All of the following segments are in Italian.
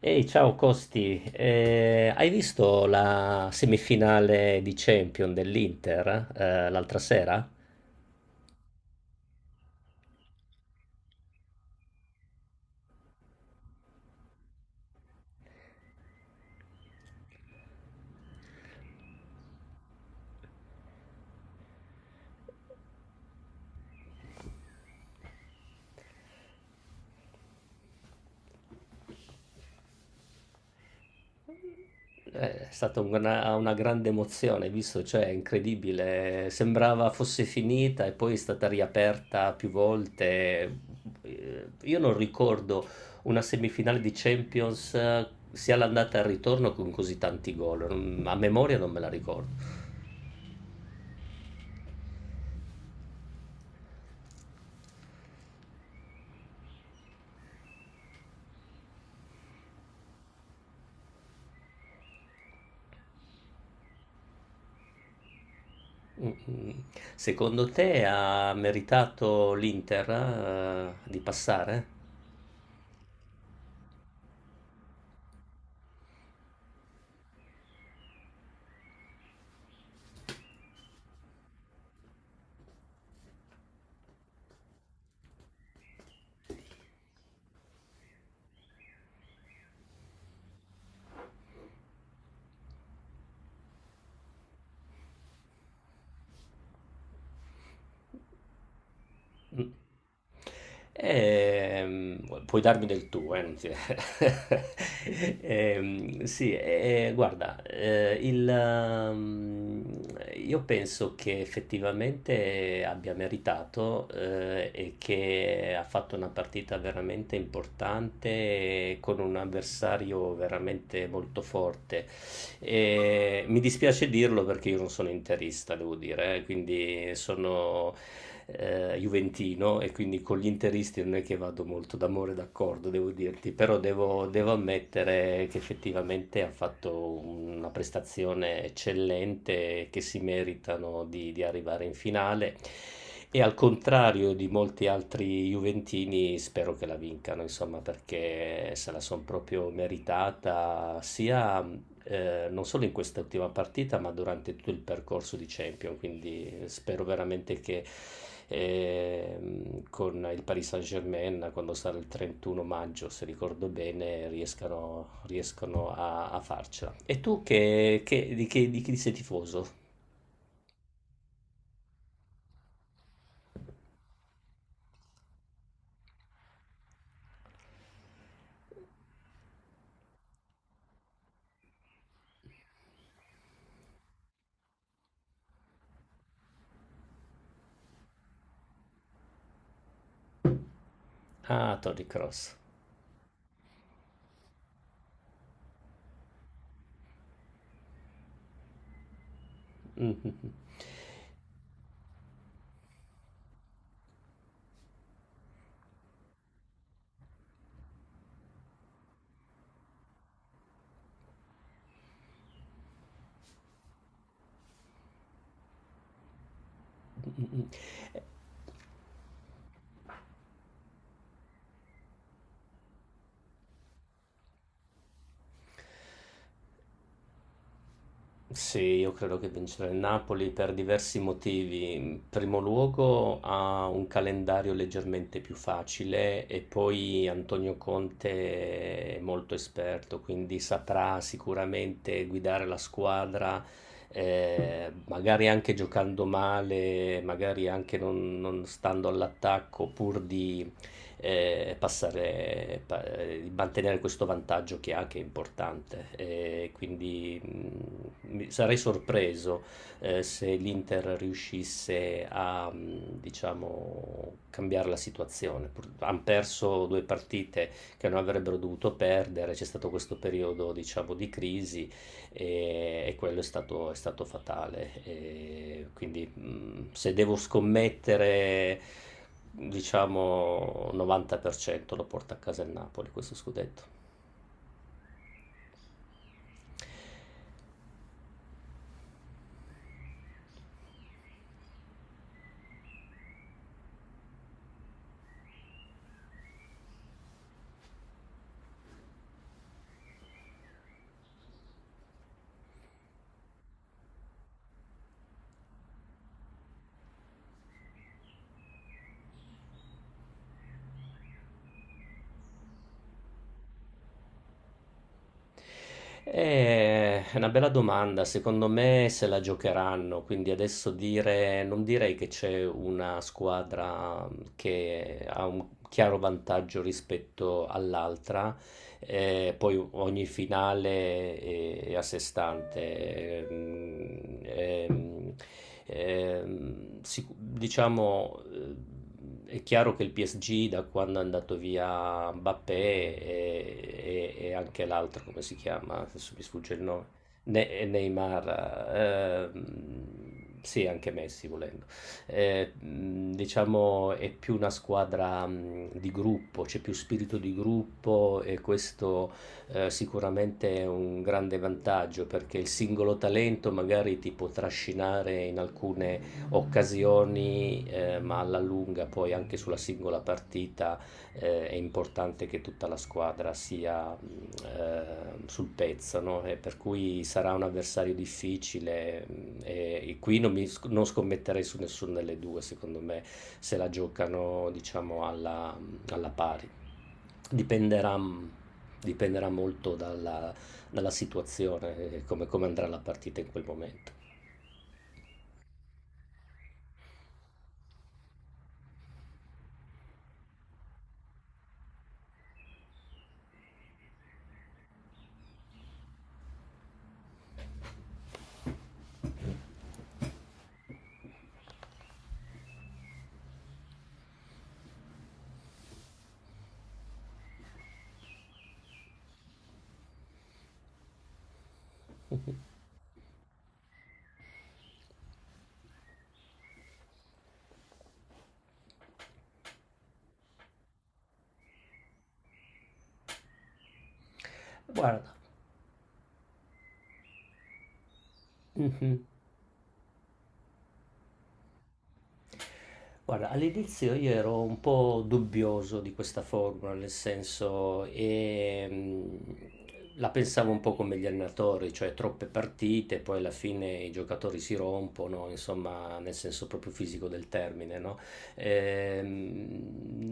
Ehi, ciao Costi. Hai visto la semifinale di Champions dell'Inter, l'altra sera? È stata una grande emozione, hai visto? Cioè, è incredibile, sembrava fosse finita e poi è stata riaperta più volte. Io non ricordo una semifinale di Champions, sia l'andata e il ritorno con così tanti gol. A memoria non me la ricordo. Mm-mm. Secondo te ha meritato l'Inter, di passare? Mm. Puoi darmi del tuo, non ti- Sì, guarda, io penso che effettivamente abbia meritato, e che ha fatto una partita veramente importante con un avversario veramente molto forte. E mi dispiace dirlo perché io non sono interista, devo dire, quindi sono juventino, e quindi con gli interisti non è che vado molto d'amore d'accordo, devo dirti, però devo, devo ammettere che effettivamente ha fatto una prestazione eccellente, che si meritano di arrivare in finale. E al contrario di molti altri juventini, spero che la vincano, insomma, perché se la sono proprio meritata, sia non solo in quest'ultima partita, ma durante tutto il percorso di Champions. Quindi spero veramente che con il Paris Saint-Germain, quando sarà il 31 maggio, se ricordo bene, riescano, riescano a, a farcela. E tu di chi sei tifoso? Ah, Tony Cross. Sì, io credo che vincerà il Napoli per diversi motivi. In primo luogo ha un calendario leggermente più facile, e poi Antonio Conte è molto esperto, quindi saprà sicuramente guidare la squadra, magari anche giocando male, magari anche non, non stando all'attacco, pur di mantenere questo vantaggio che ha, che è importante. E quindi sarei sorpreso se l'Inter riuscisse a, diciamo, cambiare la situazione. Hanno perso due partite che non avrebbero dovuto perdere, c'è stato questo periodo, diciamo, di crisi, e quello è stato fatale. E quindi se devo scommettere, diciamo 90% lo porta a casa il Napoli questo scudetto. È una bella domanda. Secondo me se la giocheranno, quindi adesso dire, non direi che c'è una squadra che ha un chiaro vantaggio rispetto all'altra. Poi ogni finale è a sé stante. Diciamo, è chiaro che il PSG, da quando è andato via Mbappé e, e anche l'altro, come si chiama? Adesso mi sfugge il nome. Neymar, sì, anche Messi volendo, diciamo è più una squadra di gruppo, c'è più spirito di gruppo, e questo sicuramente è un grande vantaggio, perché il singolo talento magari ti può trascinare in alcune occasioni, ma alla lunga poi anche sulla singola partita è importante che tutta la squadra sia sul pezzo, no? E per cui sarà un avversario difficile e qui non, non scommetterei su nessuna delle due, secondo me. Se la giocano, diciamo, alla, mm, alla pari. Dipenderà, mm, dipenderà molto dalla, dalla situazione, come, come andrà la partita in quel momento. Guarda, Guarda, all'inizio io ero un po' dubbioso di questa formula, nel senso, la pensavo un po' come gli allenatori, cioè troppe partite, poi alla fine i giocatori si rompono, insomma, nel senso proprio fisico del termine, no? Ehm,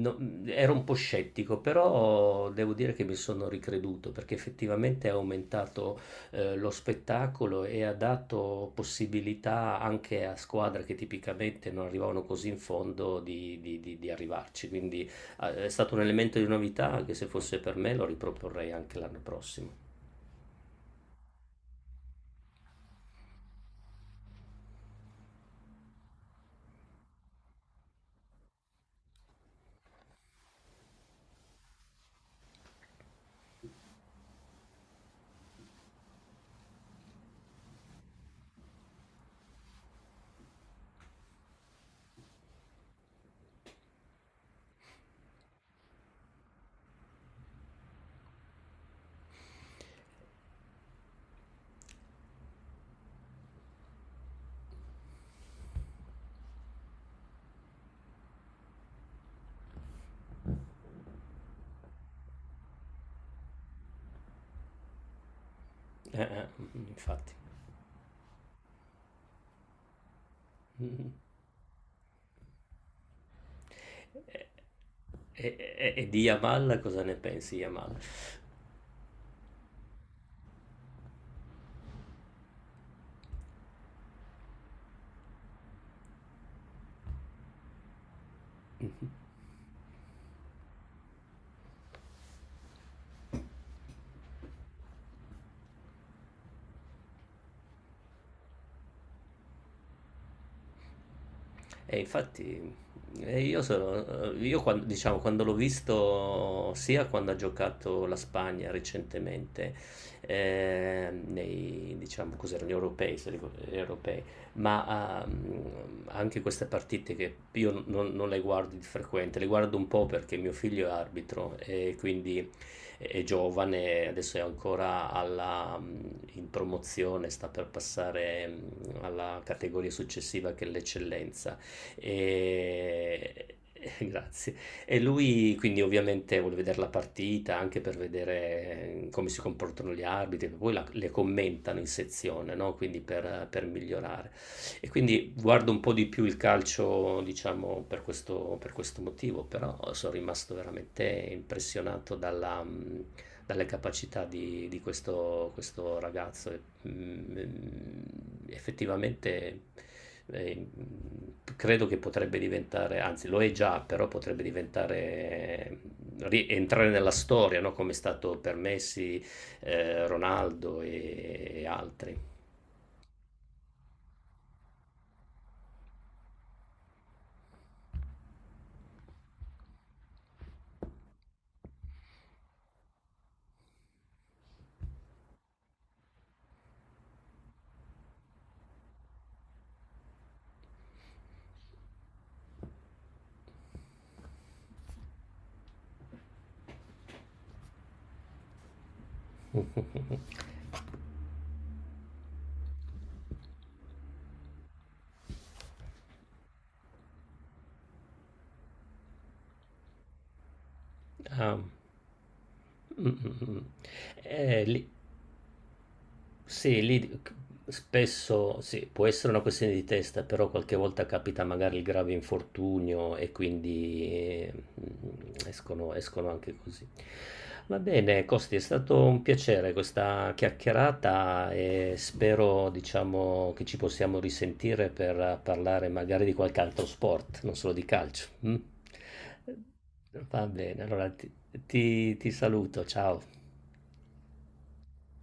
no- Ero un po' scettico, però devo dire che mi sono ricreduto, perché effettivamente è aumentato lo spettacolo e ha dato possibilità anche a squadre che tipicamente non arrivavano così in fondo di, di arrivarci. Quindi è stato un elemento di novità, anche se fosse per me lo riproporrei anche l'anno prossimo. Mm, infatti. Mm. E, e- e di Yamal cosa ne pensi, Yamal? E infatti io sono, io quando, diciamo, quando l'ho visto sia quando ha giocato la Spagna recentemente, nei, diciamo, cos'erano gli europei, se ricordo- gli europei, ma anche queste partite che io non, non le guardo di frequente, le guardo un po' perché mio figlio è arbitro, e quindi è giovane, adesso è ancora alla, in promozione, sta per passare mm, alla categoria successiva che è l'eccellenza e... Grazie. E lui quindi ovviamente vuole vedere la partita anche per vedere come si comportano gli arbitri, che poi le commentano in sezione, no? Quindi per migliorare. E quindi guardo un po' di più il calcio, diciamo, per questo motivo, però sono rimasto veramente impressionato dalla, dalle capacità di questo, questo ragazzo effettivamente eh, credo che potrebbe diventare, anzi lo è già, però potrebbe diventare, entrare nella storia, no? Come è stato per Messi, Ronaldo e altri. Ah, mm, mm, mm. Mm. Eh, li- Sì, lì spesso sì, può essere una questione di testa, però qualche volta capita magari il grave infortunio, e quindi escono, escono anche così. Va bene, Costi, è stato un piacere questa chiacchierata, e spero, diciamo, che ci possiamo risentire per parlare magari di qualche altro sport, non solo di calcio. Mm? Va bene, allora ti saluto, ciao.